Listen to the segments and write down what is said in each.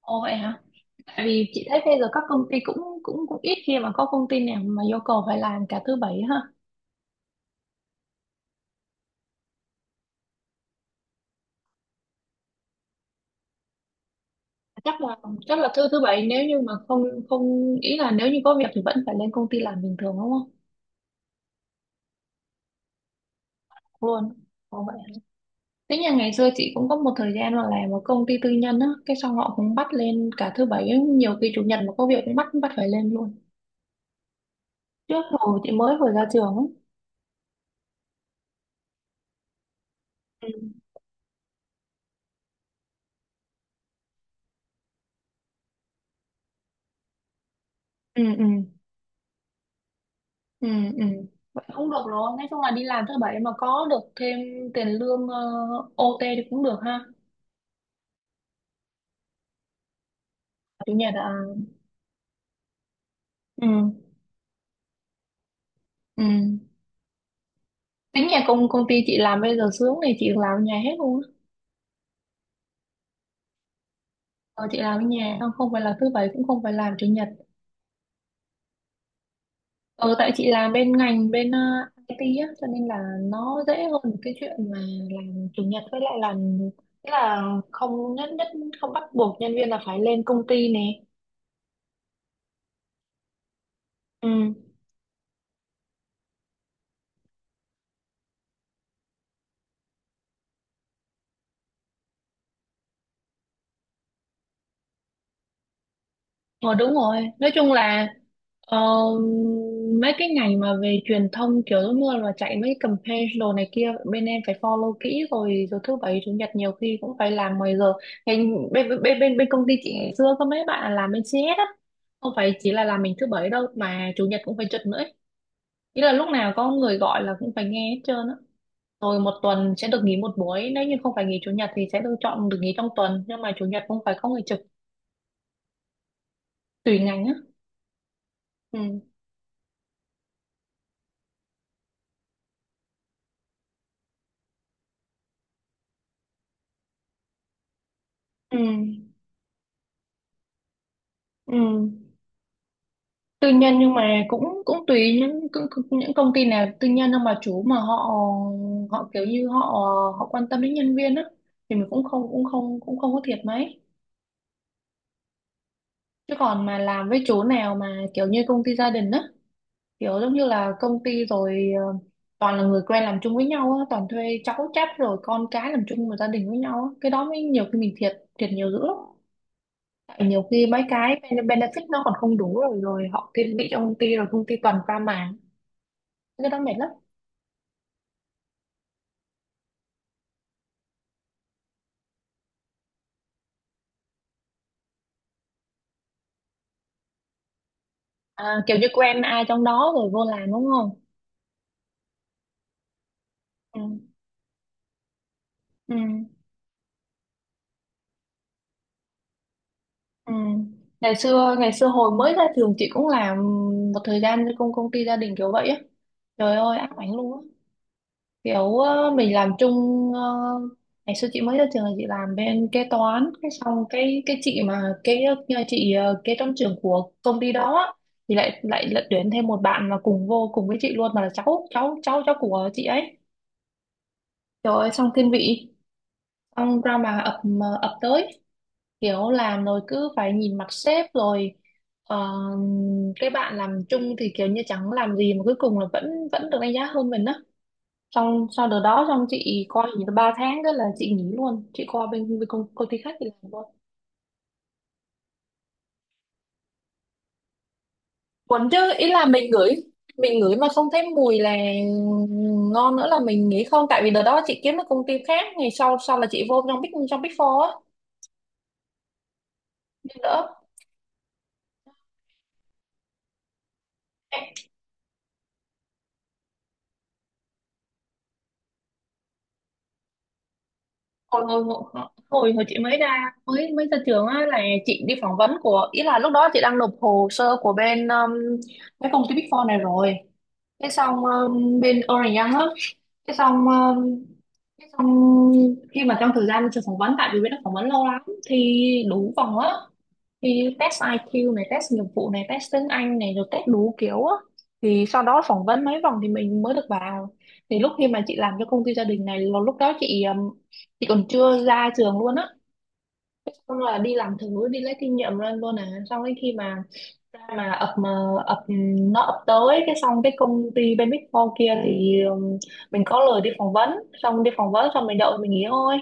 Ồ vậy hả? Tại vì chị thấy bây giờ các công ty cũng cũng cũng ít khi mà có công ty nào mà yêu cầu phải làm cả thứ bảy ha. Chắc là chắc là thứ thứ bảy nếu như mà không không ý là nếu như có việc thì vẫn phải lên công ty làm bình thường đúng không? Luôn. Ồ vậy hả? Thế nhà ngày xưa chị cũng có một thời gian mà làm một công ty tư nhân á, cái xong họ cũng bắt lên cả thứ bảy, nhiều khi chủ nhật mà có việc cũng bắt bắt phải lên luôn. Trước hồi chị mới vừa ra trường á. Ừ. Ừ ừ. Ừ ừ. Vậy không được rồi, nói chung là đi làm thứ bảy mà có được thêm tiền lương OT thì cũng được ha. Chủ nhật à? Ừ. Ừ. Tính nhà công công ty chị làm bây giờ sướng, thì chị làm ở nhà hết luôn á. Ờ, chị làm ở nhà, không không phải là thứ bảy cũng không phải làm chủ nhật. Ờ tại chị làm bên ngành bên IT á, cho nên là nó dễ hơn cái chuyện mà làm chủ nhật với lại làm, tức là không nhất nhất không bắt buộc nhân viên là phải lên công ty nè. Ừ. Ờ đúng rồi, nói chung là, ờ, mấy cái ngành mà về truyền thông kiểu giống như là chạy mấy campaign đồ này kia bên em phải follow kỹ, rồi rồi thứ bảy chủ nhật nhiều khi cũng phải làm 10 giờ. Bên bên bên bên bên công ty chị ngày xưa có mấy bạn làm bên CS á, không phải chỉ là làm mình thứ bảy đâu mà chủ nhật cũng phải trực nữa ấy. Ý là lúc nào có người gọi là cũng phải nghe hết trơn á. Rồi một tuần sẽ được nghỉ một buổi, nếu như không phải nghỉ chủ nhật thì sẽ được chọn được nghỉ trong tuần, nhưng mà chủ nhật cũng phải có người trực, tùy ngành á. Ừ. Ừ. Ừ. Tư nhân nhưng mà cũng cũng tùy, những cũng, cũng- những công ty nào tư nhân đâu mà chủ mà họ họ kiểu như họ họ quan tâm đến nhân viên á thì mình cũng không có thiệt mấy, chứ còn mà làm với chỗ nào mà kiểu như công ty gia đình á, kiểu giống như là công ty rồi toàn là người quen làm chung với nhau á, toàn thuê cháu chắt rồi con cái làm chung một gia đình với nhau á, cái đó mới nhiều khi mình thiệt, thiệt nhiều dữ lắm. Tại nhiều khi mấy cái benefit nó còn không đủ, rồi rồi họ thiên vị trong công ty, rồi công ty toàn pha màng, cái đó mệt lắm. À, kiểu như quen ai trong đó rồi vô làm đúng không? Ừ, ừ, ừ. Ngày xưa hồi mới ra trường chị cũng làm một thời gian cho công công ty gia đình kiểu vậy á. Trời ơi ám ảnh luôn á. Kiểu mình làm chung, ngày xưa chị mới ra trường là chị làm bên kế toán, cái xong cái chị mà chị kế toán trưởng của công ty đó á, thì lại lại lật tuyển thêm một bạn là cùng vô cùng với chị luôn, mà là cháu cháu cháu cháu của chị ấy. Trời ơi xong thiên vị, xong ra mà ập, ập tới, kiểu làm rồi cứ phải nhìn mặt sếp rồi, ờ, cái bạn làm chung thì kiểu như chẳng làm gì mà cuối cùng là vẫn vẫn được đánh giá hơn mình á, xong sau đợt đó xong chị coi nghỉ được 3 tháng, đó là chị nghỉ luôn, chị qua bên, công ty khác thì làm luôn. Quẩn chứ, ý là mình ngửi, mình ngửi mà không thấy mùi là ngon nữa là mình nghĩ không, tại vì đợt đó chị kiếm được công ty khác ngày sau sau là chị vô trong big four á. Nhưng đỡ. Hồi hồi hồi hồi hồi chị mới ra trường á là chị đi phỏng vấn của, ý là lúc đó chị đang nộp hồ sơ của bên cái công ty Big Four này rồi, thế xong bên Ernst Young á, thế xong um, thế xong khi mà trong thời gian trường phỏng vấn, tại vì bên đó phỏng vấn lâu lắm thì đủ vòng á, thì test IQ này, test nghiệp vụ này, test tiếng Anh này, rồi test đủ kiểu á, thì sau đó phỏng vấn mấy vòng thì mình mới được vào. Thì lúc khi mà chị làm cho công ty gia đình này là lúc đó chị còn chưa ra trường luôn á. Thế xong là đi làm thử đi lấy kinh nghiệm lên luôn à, xong đến khi mà ra mà ập mà ập, nó ập tới, cái xong cái công ty bên Big Four kia thì mình có lời đi phỏng vấn, xong đi phỏng vấn xong mình đợi mình nghỉ thôi.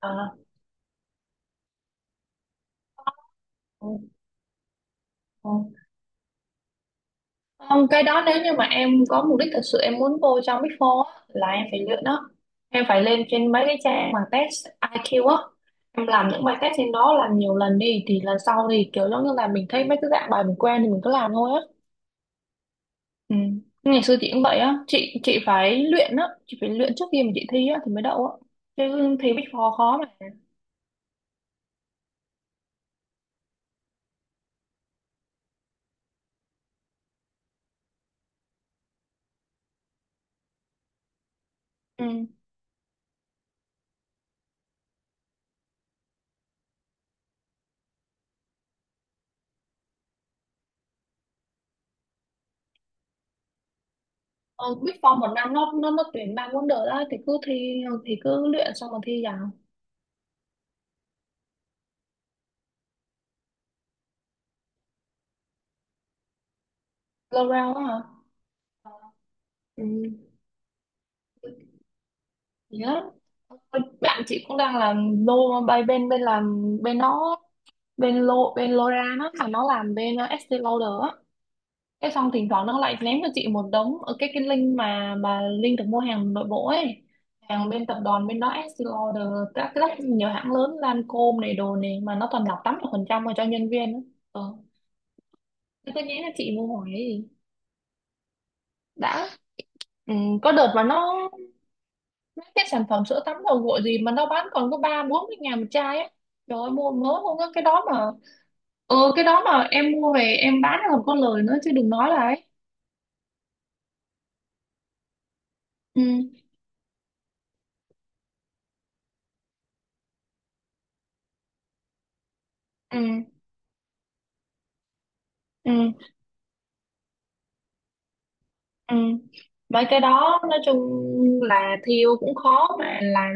À, ừ, ừ. Không, cái đó nếu như mà em có mục đích thật sự em muốn vô trong Big Four á, là em phải luyện đó, em phải lên trên mấy cái trang mà test IQ á, em làm những bài test trên đó làm nhiều lần đi thì lần sau thì kiểu giống như là mình thấy mấy cái dạng bài mình quen thì mình cứ làm thôi á. Ừ. Ngày xưa chị cũng vậy á, chị phải luyện á, chị phải luyện trước khi mà chị thi á thì mới đậu á, chứ thi Big Four khó mà. Ừ. Ờ, Big Four một năm nó tuyển ba môn đợt á, thì cứ thi thì cứ luyện xong rồi thi vào. Lô rao á hả? Ừ. Thì đó. Ôi, bạn chị cũng đang làm lô bay bên bên làm bên nó, bên lô bên Lora nó mà nó làm bên SC Lauder á. Cái xong thỉnh thoảng nó lại ném cho chị một đống ở cái link mà link được mua hàng nội bộ ấy, hàng bên tập đoàn bên đó Estée Lauder, các nhiều hãng lớn Lancôme này đồ này mà nó toàn lọc 80% mà cho nhân viên ấy. Ừ. Thế tôi nghĩ là chị mua hỏi ấy gì đã. Ừ. Có đợt mà nó, mấy cái sản phẩm sữa tắm dầu gội gì mà nó bán còn có 30 40 nghìn một chai ấy, trời ơi mua mới mua cái đó mà. Ừ, cái đó mà em mua về em bán còn có lời nữa chứ đừng nói là ấy. Ừ ừ ừ. Ừ. Mấy cái đó nói chung là thiêu cũng khó mà làm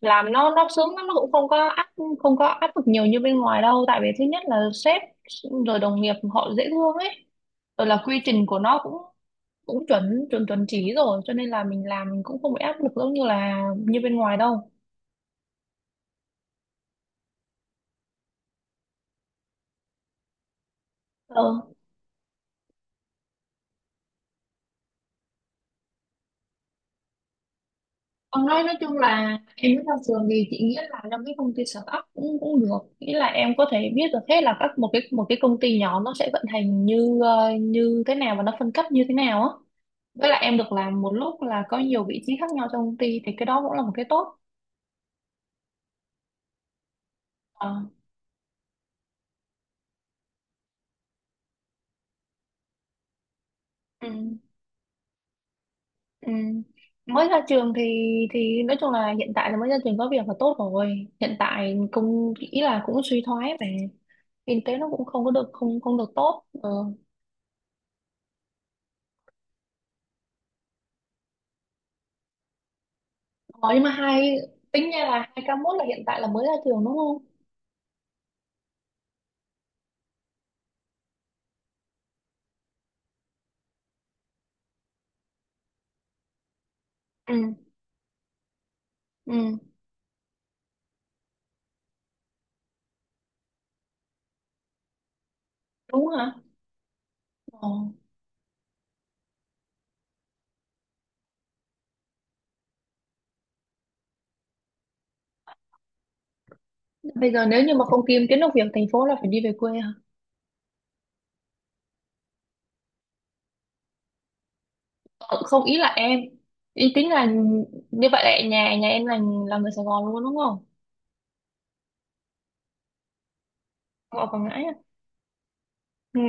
làm nó sướng lắm, nó cũng không có áp, không có áp lực nhiều như bên ngoài đâu, tại vì thứ nhất là sếp rồi đồng nghiệp họ dễ thương ấy, rồi là quy trình của nó cũng cũng chuẩn chuẩn chuẩn chỉ rồi, cho nên là mình làm mình cũng không bị áp lực giống như là như bên ngoài đâu. Ừ. Còn nói chung là em mới ra trường thì chị nghĩ là trong cái công ty startup cũng cũng được, nghĩa là em có thể biết được hết là các một cái công ty nhỏ nó sẽ vận hành như như thế nào và nó phân cấp như thế nào á, với lại em được làm một lúc là có nhiều vị trí khác nhau trong công ty thì cái đó cũng là một cái tốt. Ờ, ừ, ừ. Mới ra trường thì nói chung là hiện tại là mới ra trường có việc là tốt rồi, hiện tại công nghĩ là cũng suy thoái về kinh tế, nó cũng không có được không không được tốt. Ờ. Ờ, nhưng mà hai, tính ra là hai k 1 là hiện tại là mới ra trường đúng không? Ừ, ừ. Đúng hả? Ờ. Bây giờ nếu như mà không kiếm kiếm được việc thành phố là phải đi về quê hả? Ờ, không ý là em, ý tính là như vậy là nhà nhà em là người Sài Gòn luôn đúng không? Không ở Quảng Ngãi à? Ừ.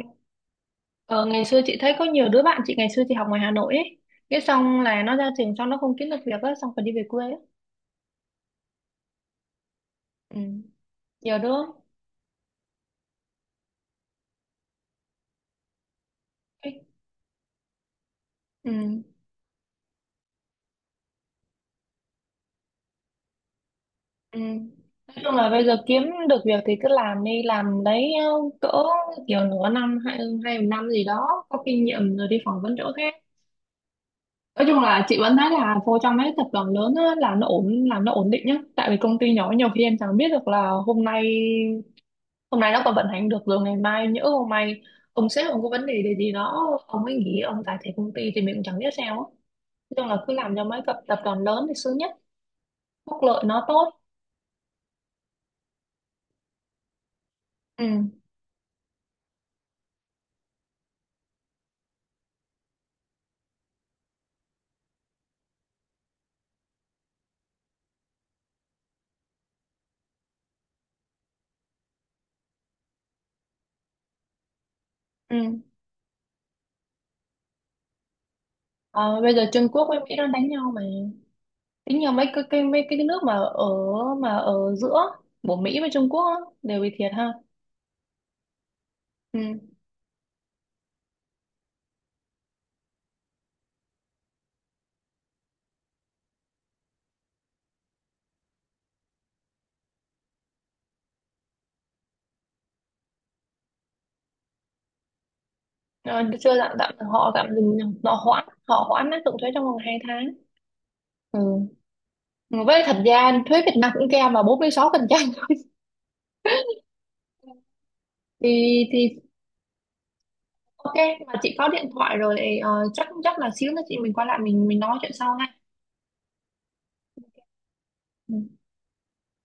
Ờ, ngày xưa chị thấy có nhiều đứa bạn chị ngày xưa chị học ngoài Hà Nội ấy. Cái xong là nó ra trường xong nó không kiếm được việc á, xong phải đi về quê á. Ừ. Nhiều đứa. Ừ. Ừ. Nói chung là bây giờ kiếm được việc thì cứ làm đi làm đấy, cỡ kiểu nửa năm, hai hai một năm gì đó có kinh nghiệm rồi đi phỏng vấn chỗ khác. Nói chung là chị vẫn thấy là vô trong mấy tập đoàn lớn á, là nó ổn, làm nó ổn định nhá, tại vì công ty nhỏ nhiều khi em chẳng biết được là hôm nay, nó còn vận hành được, rồi ngày mai nhỡ hôm nay ông sếp ông có vấn đề gì gì đó ông ấy nghỉ ông giải thể công ty thì mình cũng chẳng biết sao á. Nói chung là cứ làm cho mấy tập tập đoàn lớn thì sướng nhất, phúc lợi nó tốt. Ừ ừ. Ờ, bây giờ Trung Quốc với Mỹ đang đánh nhau mà, tính nhiều mấy cái nước mà mà ở giữa của Mỹ với Trung Quốc á, đều bị thiệt ha. Ừ. Ờ, chưa tạm tạm họ tạm dừng, họ hoãn áp dụng thuế trong vòng 2 tháng. Ừ. Với thật ra thuế Việt Nam cũng kèm vào 46%, thì ok. Mà chị có điện thoại rồi, ờ, chắc chắc là xíu nữa chị mình qua lại mình nói chuyện sau ha. Ừ.